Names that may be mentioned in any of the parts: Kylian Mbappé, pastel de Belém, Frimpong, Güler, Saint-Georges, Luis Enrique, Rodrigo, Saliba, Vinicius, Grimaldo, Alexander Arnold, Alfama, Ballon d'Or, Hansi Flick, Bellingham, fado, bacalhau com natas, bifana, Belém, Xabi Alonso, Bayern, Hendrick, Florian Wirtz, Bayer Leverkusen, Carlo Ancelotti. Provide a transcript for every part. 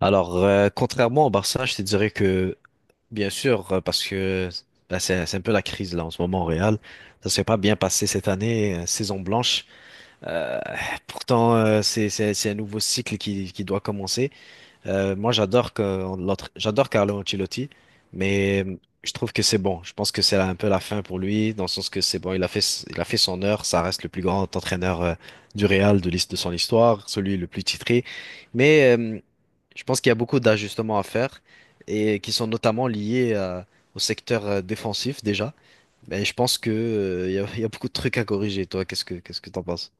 Alors, contrairement au Barça, je te dirais que, bien sûr, parce que ben, c'est un peu la crise là en ce moment au Real, ça s'est pas bien passé cette année, saison blanche. Euh, Pourtant, c'est un nouveau cycle qui doit commencer. Moi, j'adore Carlo Ancelotti, mais je trouve que c'est bon. Je pense que c'est un peu la fin pour lui, dans le sens que c'est bon, il a fait son heure, ça reste le plus grand entraîneur du Real de son histoire, celui le plus titré, mais je pense qu'il y a beaucoup d'ajustements à faire et qui sont notamment liés au secteur défensif déjà. Mais je pense que il y a beaucoup de trucs à corriger. Toi, qu'est-ce que t'en penses?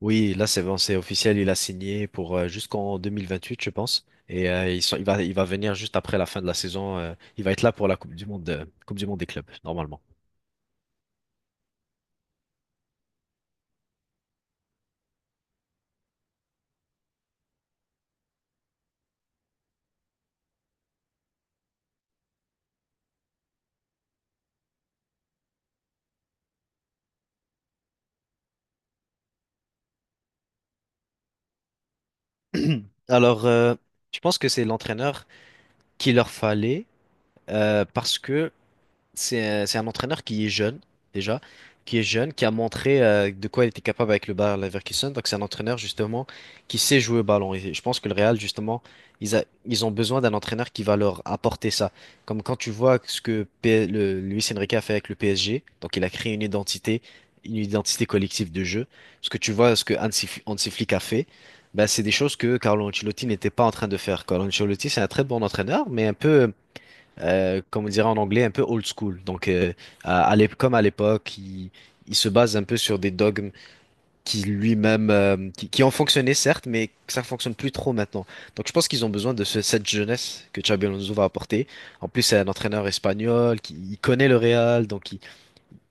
Oui, là c'est bon, c'est officiel. Il a signé pour jusqu'en 2028, je pense. Et il va venir juste après la fin de la saison. Il va être là pour la Coupe du Monde des clubs normalement. Alors, je pense que c'est l'entraîneur qu'il leur fallait parce que c'est un entraîneur qui est jeune, déjà, qui est jeune, qui a montré de quoi il était capable avec le Bayer Leverkusen. Donc, c'est un entraîneur, justement, qui sait jouer au ballon. Et je pense que le Real, justement, ils ont besoin d'un entraîneur qui va leur apporter ça. Comme quand tu vois ce que Luis Enrique a fait avec le PSG. Donc, il a créé une identité collective de jeu. Ce que tu vois, ce que Hansi Flick a fait. Ben, c'est des choses que Carlo Ancelotti n'était pas en train de faire. Carlo Ancelotti, c'est un très bon entraîneur, mais un peu comme on dirait en anglais, un peu old school. Donc, comme à l'époque, il se base un peu sur des dogmes qui ont fonctionné certes, mais que ça fonctionne plus trop maintenant. Donc, je pense qu'ils ont besoin de cette jeunesse que Xabi Alonso va apporter. En plus, c'est un entraîneur espagnol qui il connaît le Real, donc il,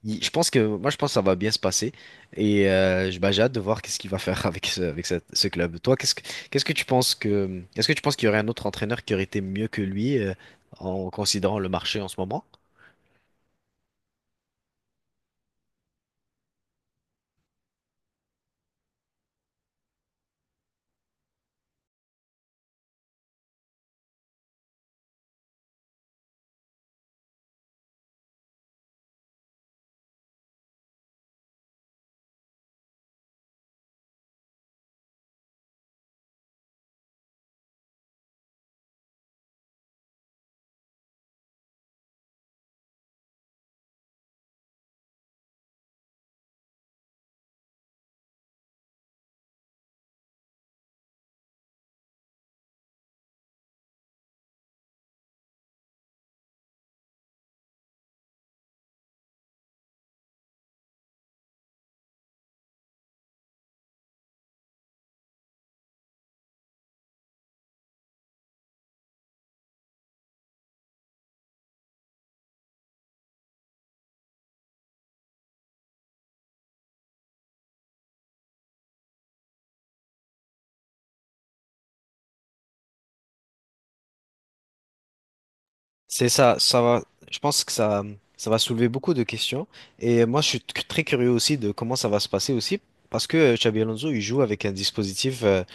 il- je pense que ça va bien se passer et bah, j'ai hâte de voir qu'est-ce qu'il va faire avec ce club. Toi, qu'est-ce que tu penses que est-ce que tu penses qu'il y aurait un autre entraîneur qui aurait été mieux que lui en considérant le marché en ce moment? C'est ça, ça va. Je pense que ça va soulever beaucoup de questions et moi je suis très curieux aussi de comment ça va se passer aussi parce que Xabi Alonso il joue avec un dispositif de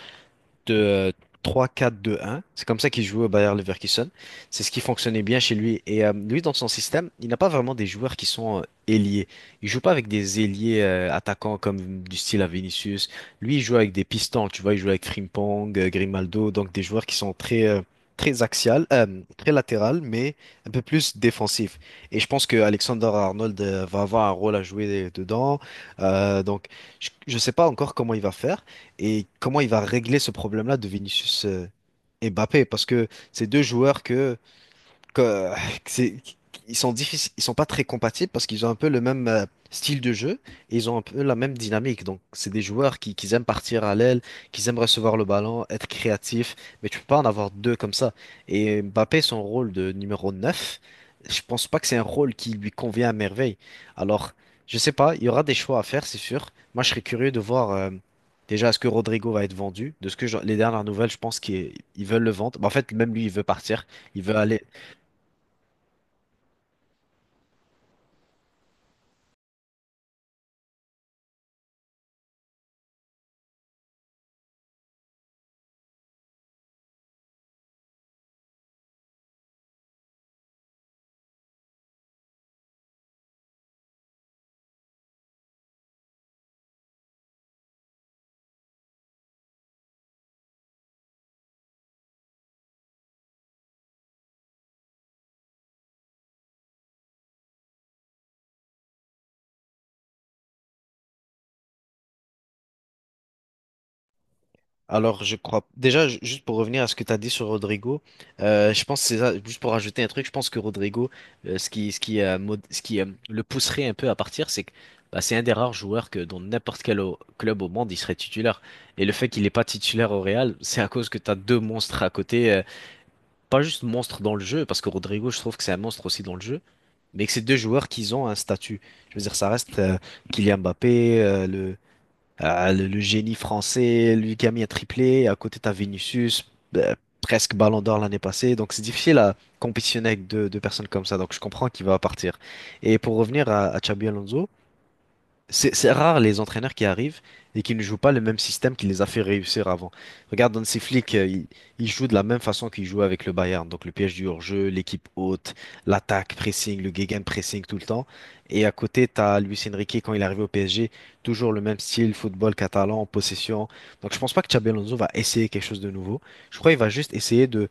3-4-2-1. C'est comme ça qu'il jouait au Bayer Leverkusen. C'est ce qui fonctionnait bien chez lui. Et lui, dans son système, il n'a pas vraiment des joueurs qui sont ailiers. Il joue pas avec des ailiers attaquants comme du style à Vinicius. Lui, il joue avec des pistons. Tu vois, il joue avec Frimpong, Grimaldo, donc des joueurs qui sont très très axial, très latéral, mais un peu plus défensif. Et je pense que Alexander Arnold va avoir un rôle à jouer dedans. Donc, je ne sais pas encore comment il va faire et comment il va régler ce problème-là de Vinicius et Mbappé. Parce que c'est deux joueurs que- que c'est- ils sont difficiles, ils sont pas très compatibles parce qu'ils ont un peu le même style de jeu et ils ont un peu la même dynamique. Donc, c'est des joueurs qui aiment partir à l'aile, qui aiment recevoir le ballon, être créatifs, mais tu peux pas en avoir deux comme ça. Et Mbappé, son rôle de numéro 9, je pense pas que c'est un rôle qui lui convient à merveille. Alors, je sais pas, il y aura des choix à faire, c'est sûr. Moi, je serais curieux de voir déjà est-ce que Rodrigo va être vendu. De ce que les dernières nouvelles, je pense qu'ils veulent le vendre. Mais en fait, même lui, il veut partir. Il veut aller. Alors, je crois. Déjà, juste pour revenir à ce que tu as dit sur Rodrigo, je pense que c'est ça. Juste pour rajouter un truc, je pense que Rodrigo, ce qui le pousserait un peu à partir, c'est que bah, c'est un des rares joueurs que dans n'importe quel club au monde, il serait titulaire. Et le fait qu'il n'est pas titulaire au Real, c'est à cause que tu as deux monstres à côté. Pas juste monstre dans le jeu, parce que Rodrigo, je trouve que c'est un monstre aussi dans le jeu, mais que c'est deux joueurs qui ont un statut. Je veux dire, ça reste Kylian Mbappé, le génie français, lui qui a mis un triplé. À côté, t'as Vinicius, euh, presque Ballon d'Or l'année passée. Donc, c'est difficile à compétitionner avec deux personnes comme ça. Donc, je comprends qu'il va partir. Et pour revenir à Xabi Alonso, c'est rare les entraîneurs qui arrivent et qui ne jouent pas le même système qui les a fait réussir avant. Regarde, Hansi Flick, il joue de la même façon qu'il jouait avec le Bayern. Donc le piège du hors-jeu, l'équipe haute, l'attaque, pressing, le gegenpressing tout le temps. Et à côté, tu as Luis Enrique quand il est arrivé au PSG, toujours le même style, football catalan, possession. Donc je pense pas que Xabi Alonso va essayer quelque chose de nouveau. Je crois qu'il va juste essayer de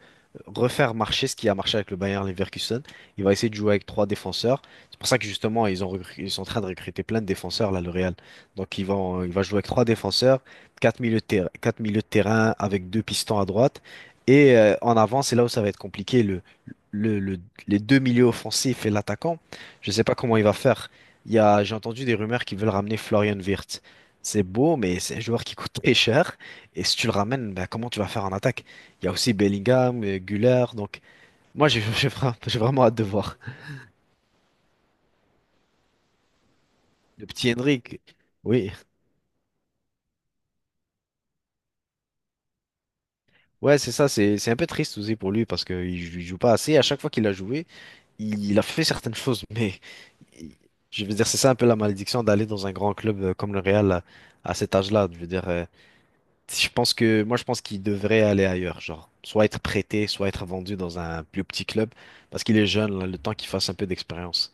refaire marcher ce qui a marché avec le Bayern Leverkusen. Il va essayer de jouer avec trois défenseurs. C'est pour ça que justement, ils sont en train de recruter plein de défenseurs, là, le Real. Donc, il va jouer avec trois défenseurs, quatre milieux de terrain, quatre milieux de terrain avec deux pistons à droite. Et en avant, c'est là où ça va être compliqué. Le, le- les deux milieux offensifs et l'attaquant, je ne sais pas comment il va faire. J'ai entendu des rumeurs qu'ils veulent ramener Florian Wirtz. C'est beau, mais c'est un joueur qui coûte très cher. Et si tu le ramènes, ben, comment tu vas faire en attaque? Il y a aussi Bellingham, Güler. Donc, moi, j'ai j'ai vraiment hâte de voir. Le petit Hendrick. Oui. Ouais, c'est ça. C'est un peu triste aussi pour lui parce qu'il joue pas assez. À chaque fois qu'il a joué, il a fait certaines choses. Mais il- je veux dire, c'est ça un peu la malédiction d'aller dans un grand club comme le Real à cet âge-là. Je veux dire, je pense qu'il devrait aller ailleurs. Genre, soit être prêté, soit être vendu dans un plus petit club parce qu'il est jeune, là, le temps qu'il fasse un peu d'expérience.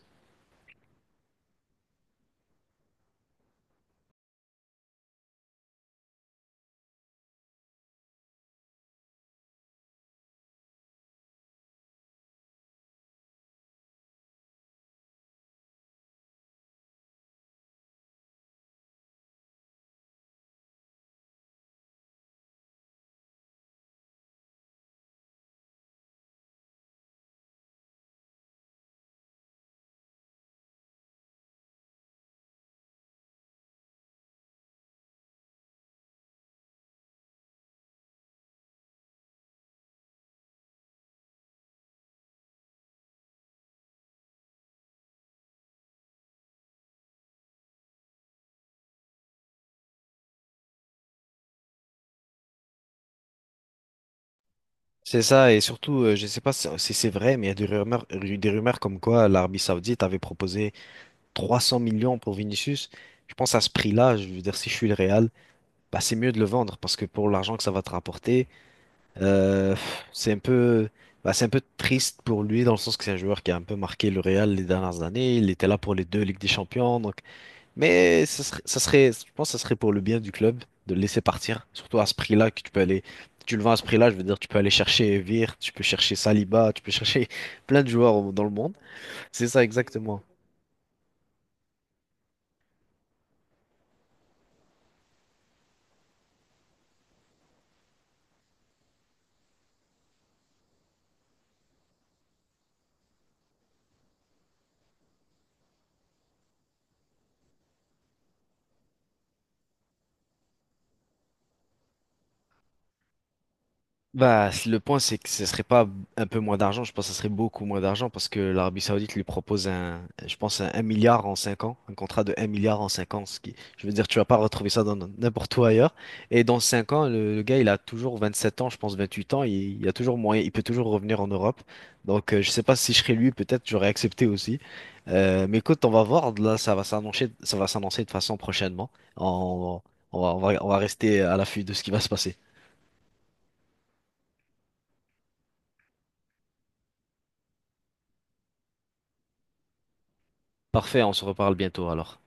C'est ça, et surtout, je sais pas si c'est vrai, mais il y a des rumeurs comme quoi l'Arabie Saoudite avait proposé 300 millions pour Vinicius, je pense à ce prix-là, je veux dire, si je suis le Real, bah, c'est mieux de le vendre parce que pour l'argent que ça va te rapporter, euh, pff, c'est un peu, bah, c'est un peu triste pour lui dans le sens que c'est un joueur qui a un peu marqué le Real les dernières années. Il était là pour les deux Ligues des Champions, donc, mais je pense que ça serait pour le bien du club de le laisser partir, surtout à ce prix-là que tu peux aller. Tu le vends à ce prix-là, je veux dire, tu peux aller chercher Vir, tu peux chercher Saliba, tu peux chercher plein de joueurs dans le monde. C'est ça exactement. Bah, le point, c'est que ce serait pas un peu moins d'argent, je pense que ce serait beaucoup moins d'argent parce que l'Arabie Saoudite lui propose un, je pense, un 1 milliard en 5 ans, un contrat de 1 milliard en 5 ans, ce qui, je veux dire, tu vas pas retrouver ça dans n'importe où ailleurs. Et dans 5 ans, le gars, il a toujours 27 ans, je pense 28 ans, il a toujours moyen, il peut toujours revenir en Europe. Donc, je sais pas si je serais lui, peut-être j'aurais accepté aussi. Mais écoute, on va voir, là, ça va s'annoncer de façon prochainement. On, on va on va rester à l'affût de ce qui va se passer. Parfait, on se reparle bientôt alors.